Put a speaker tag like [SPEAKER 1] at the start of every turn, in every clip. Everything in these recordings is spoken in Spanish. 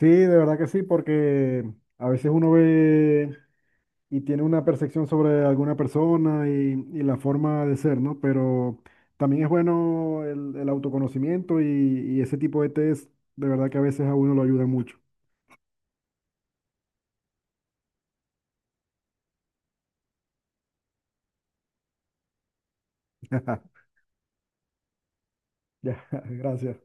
[SPEAKER 1] Sí, de verdad que sí, porque a veces uno ve y tiene una percepción sobre alguna persona y la forma de ser, ¿no? Pero también es bueno el autoconocimiento y ese tipo de test, de verdad que a veces a uno lo ayuda mucho. Ya, gracias.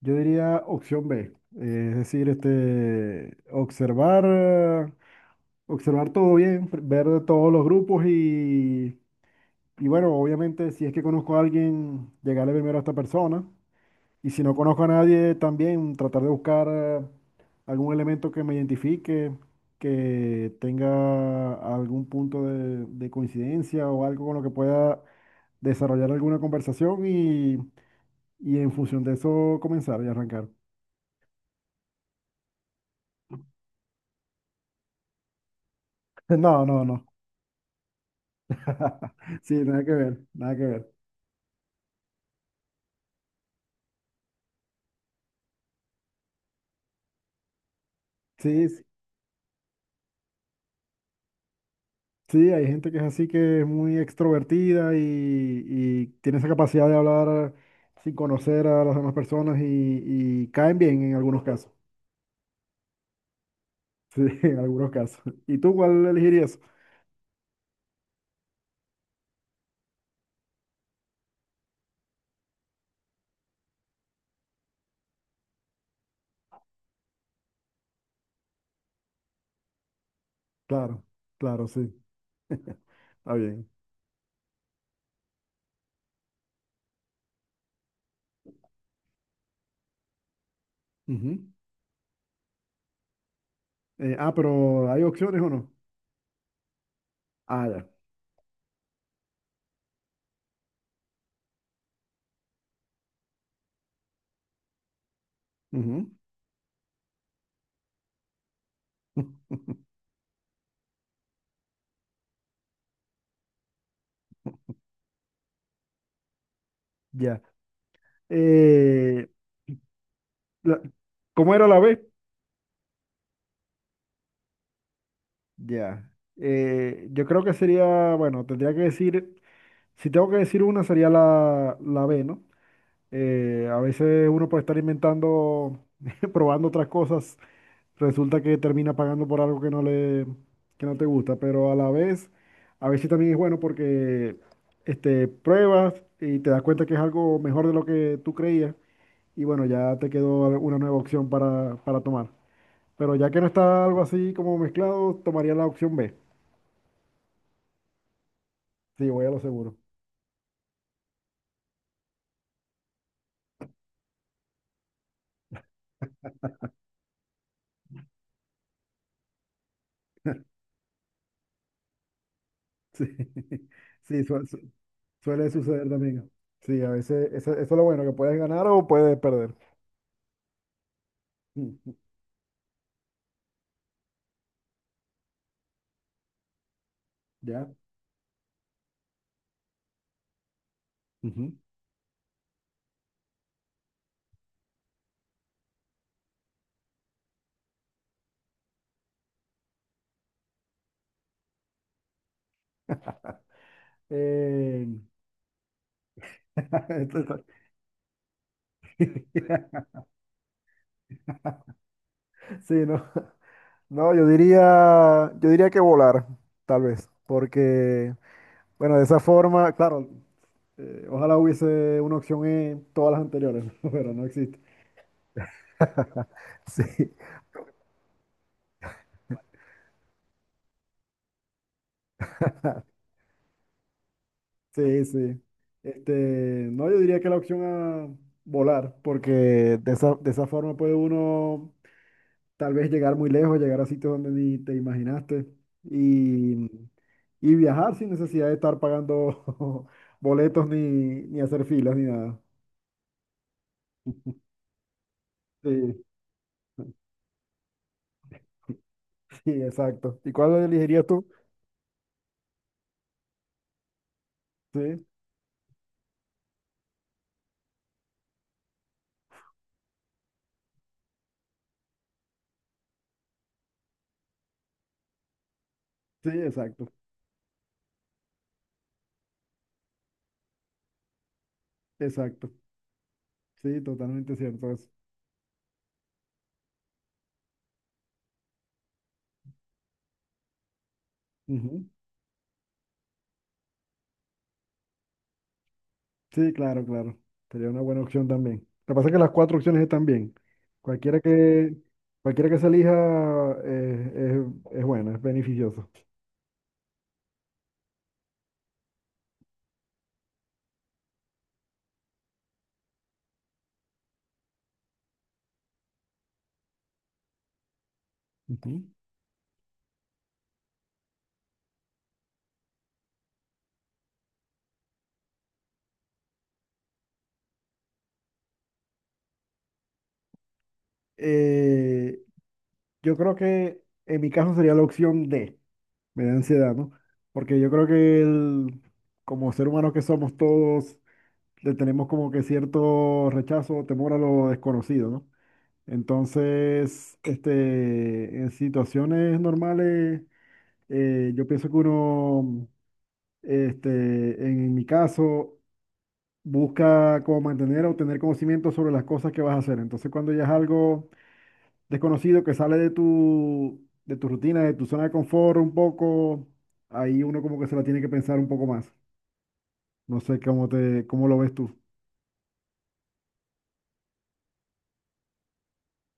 [SPEAKER 1] Yo diría opción B, es decir, observar, observar todo bien, ver de todos los grupos y bueno, obviamente si es que conozco a alguien, llegarle primero a esta persona y si no conozco a nadie, también tratar de buscar algún elemento que me identifique que tenga algún punto de coincidencia o algo con lo que pueda desarrollar alguna conversación y en función de eso comenzar y arrancar. No, no, no. Sí, nada que ver, nada que ver. Sí, sí, sí, hay gente que es así, que es muy extrovertida y tiene esa capacidad de hablar sin conocer a las demás personas y caen bien en algunos casos. Sí, en algunos casos. ¿Y tú cuál elegirías? Claro, claro, sí. Está bien. Ujú. Pero ¿hay opciones o no? Ah, ya. Ujú. Ya. Eh, la- ¿Cómo era la B? Ya. Yo creo que sería, bueno, tendría que decir, si tengo que decir una, sería la B, ¿no? A veces uno puede estar inventando, probando otras cosas resulta que termina pagando por algo que no te gusta, pero a la vez, a veces también es bueno porque pruebas y te das cuenta que es algo mejor de lo que tú creías y bueno, ya te quedó una nueva opción para tomar. Pero ya que no está algo así como mezclado, tomaría la opción B. Sí, voy a lo seguro. Sí, sí, suele suceder también. Sí, a veces eso, eso es lo bueno, que puedes ganar o puedes perder. ¿Ya? Ujú. Eh, esto está- Sí, no. No, yo diría que volar, tal vez, porque, bueno, de esa forma, claro, ojalá hubiese una opción en todas las anteriores, pero no existe. Sí, sí, sí. No, yo diría que la opción a volar, porque de esa forma puede uno tal vez llegar muy lejos, llegar a sitios donde ni te imaginaste y, y viajar sin necesidad de estar pagando boletos ni, ni hacer filas ni nada. Sí, sí, exacto. ¿Y cuál elegirías tú? Sí, sí, exacto, exacto. Sí, totalmente cierto eso. Ujú. Sí, claro, claro. Sería una buena opción también. Lo que pasa es que las cuatro opciones están bien. Cualquiera que, cualquiera que se elija es buena, es beneficioso. Ujú. Eh, Yo creo que en mi caso sería la opción D, me da ansiedad, ¿no? Porque yo creo que como ser humanos que somos todos, le tenemos como que cierto rechazo o temor a lo desconocido, ¿no? Entonces, en situaciones normales, yo pienso que uno, en mi caso, busca como mantener o tener conocimiento sobre las cosas que vas a hacer. Entonces, cuando ya es algo desconocido que sale de tu rutina, de tu zona de confort un poco, ahí uno como que se la tiene que pensar un poco más. No sé cómo te, cómo lo ves tú.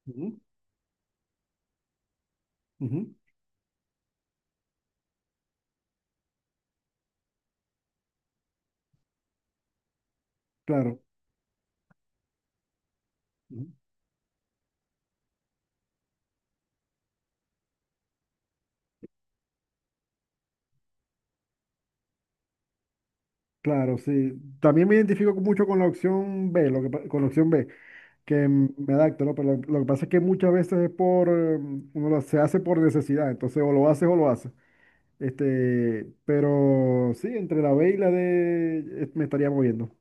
[SPEAKER 1] Ujú, ujú, claro, ujú, claro, sí. También me identifico mucho con la opción B, con la opción B, que me adapto, ¿no? Pero lo que pasa es que muchas veces es por, se hace por necesidad, entonces o lo haces o lo haces. Pero sí, entre la B y la D me estaría moviendo,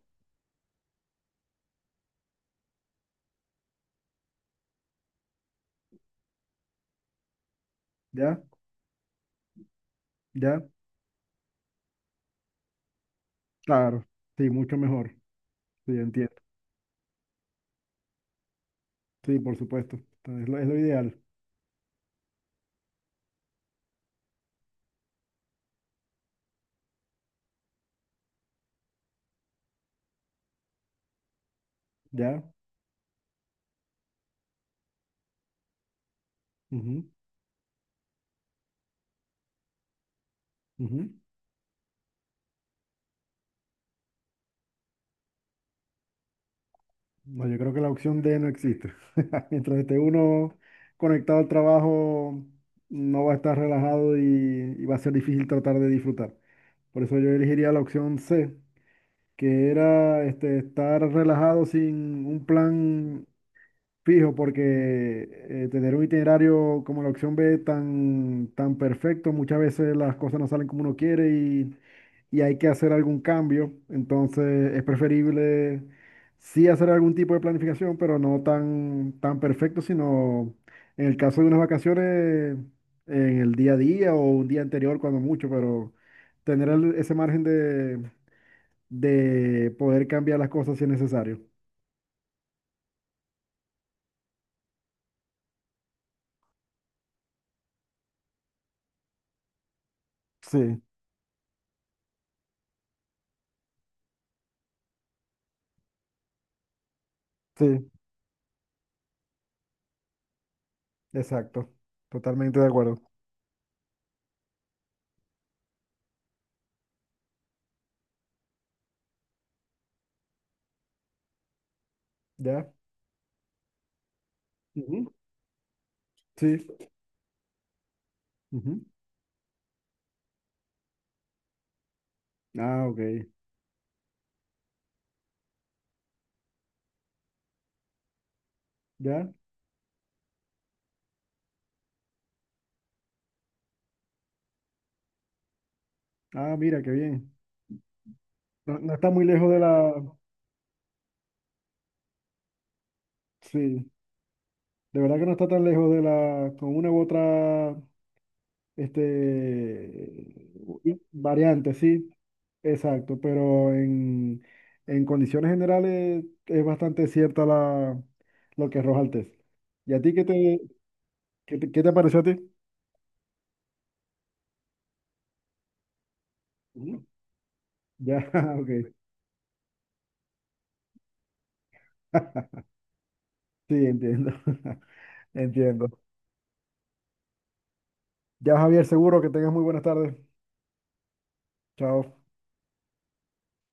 [SPEAKER 1] ¿ya? ¿Ya? Claro, sí, mucho mejor. Sí, entiendo. Sí, por supuesto. Es lo ideal. ¿Ya? Ujú, ujú. No, yo creo que la opción D no existe. Mientras esté uno conectado al trabajo, no va a estar relajado y va a ser difícil tratar de disfrutar. Por eso yo elegiría la opción C, que era estar relajado sin un plan fijo, porque tener un itinerario como la opción B tan, tan perfecto, muchas veces las cosas no salen como uno quiere y hay que hacer algún cambio. Entonces es preferible sí hacer algún tipo de planificación, pero no tan, tan perfecto, sino en el caso de unas vacaciones, en el día a día o un día anterior cuando mucho, pero tener ese margen de poder cambiar las cosas si es necesario. Sí, sí. Exacto, totalmente de acuerdo. ¿Ya? Ujú, sí. Ujú. Ah, ok. Ya. Ah, mira, qué bien. No, no está muy lejos de la... Sí, de verdad que no está tan lejos de la, con una u otra, este, variante, sí, exacto, pero en condiciones generales es bastante cierta la, lo que arroja el test. ¿Y a ti qué te, qué te, qué te pareció a ti? Ujú. Ya, ok, sí, entiendo. Entiendo. Ya, Javier, seguro que tengas muy buenas tardes. Chao.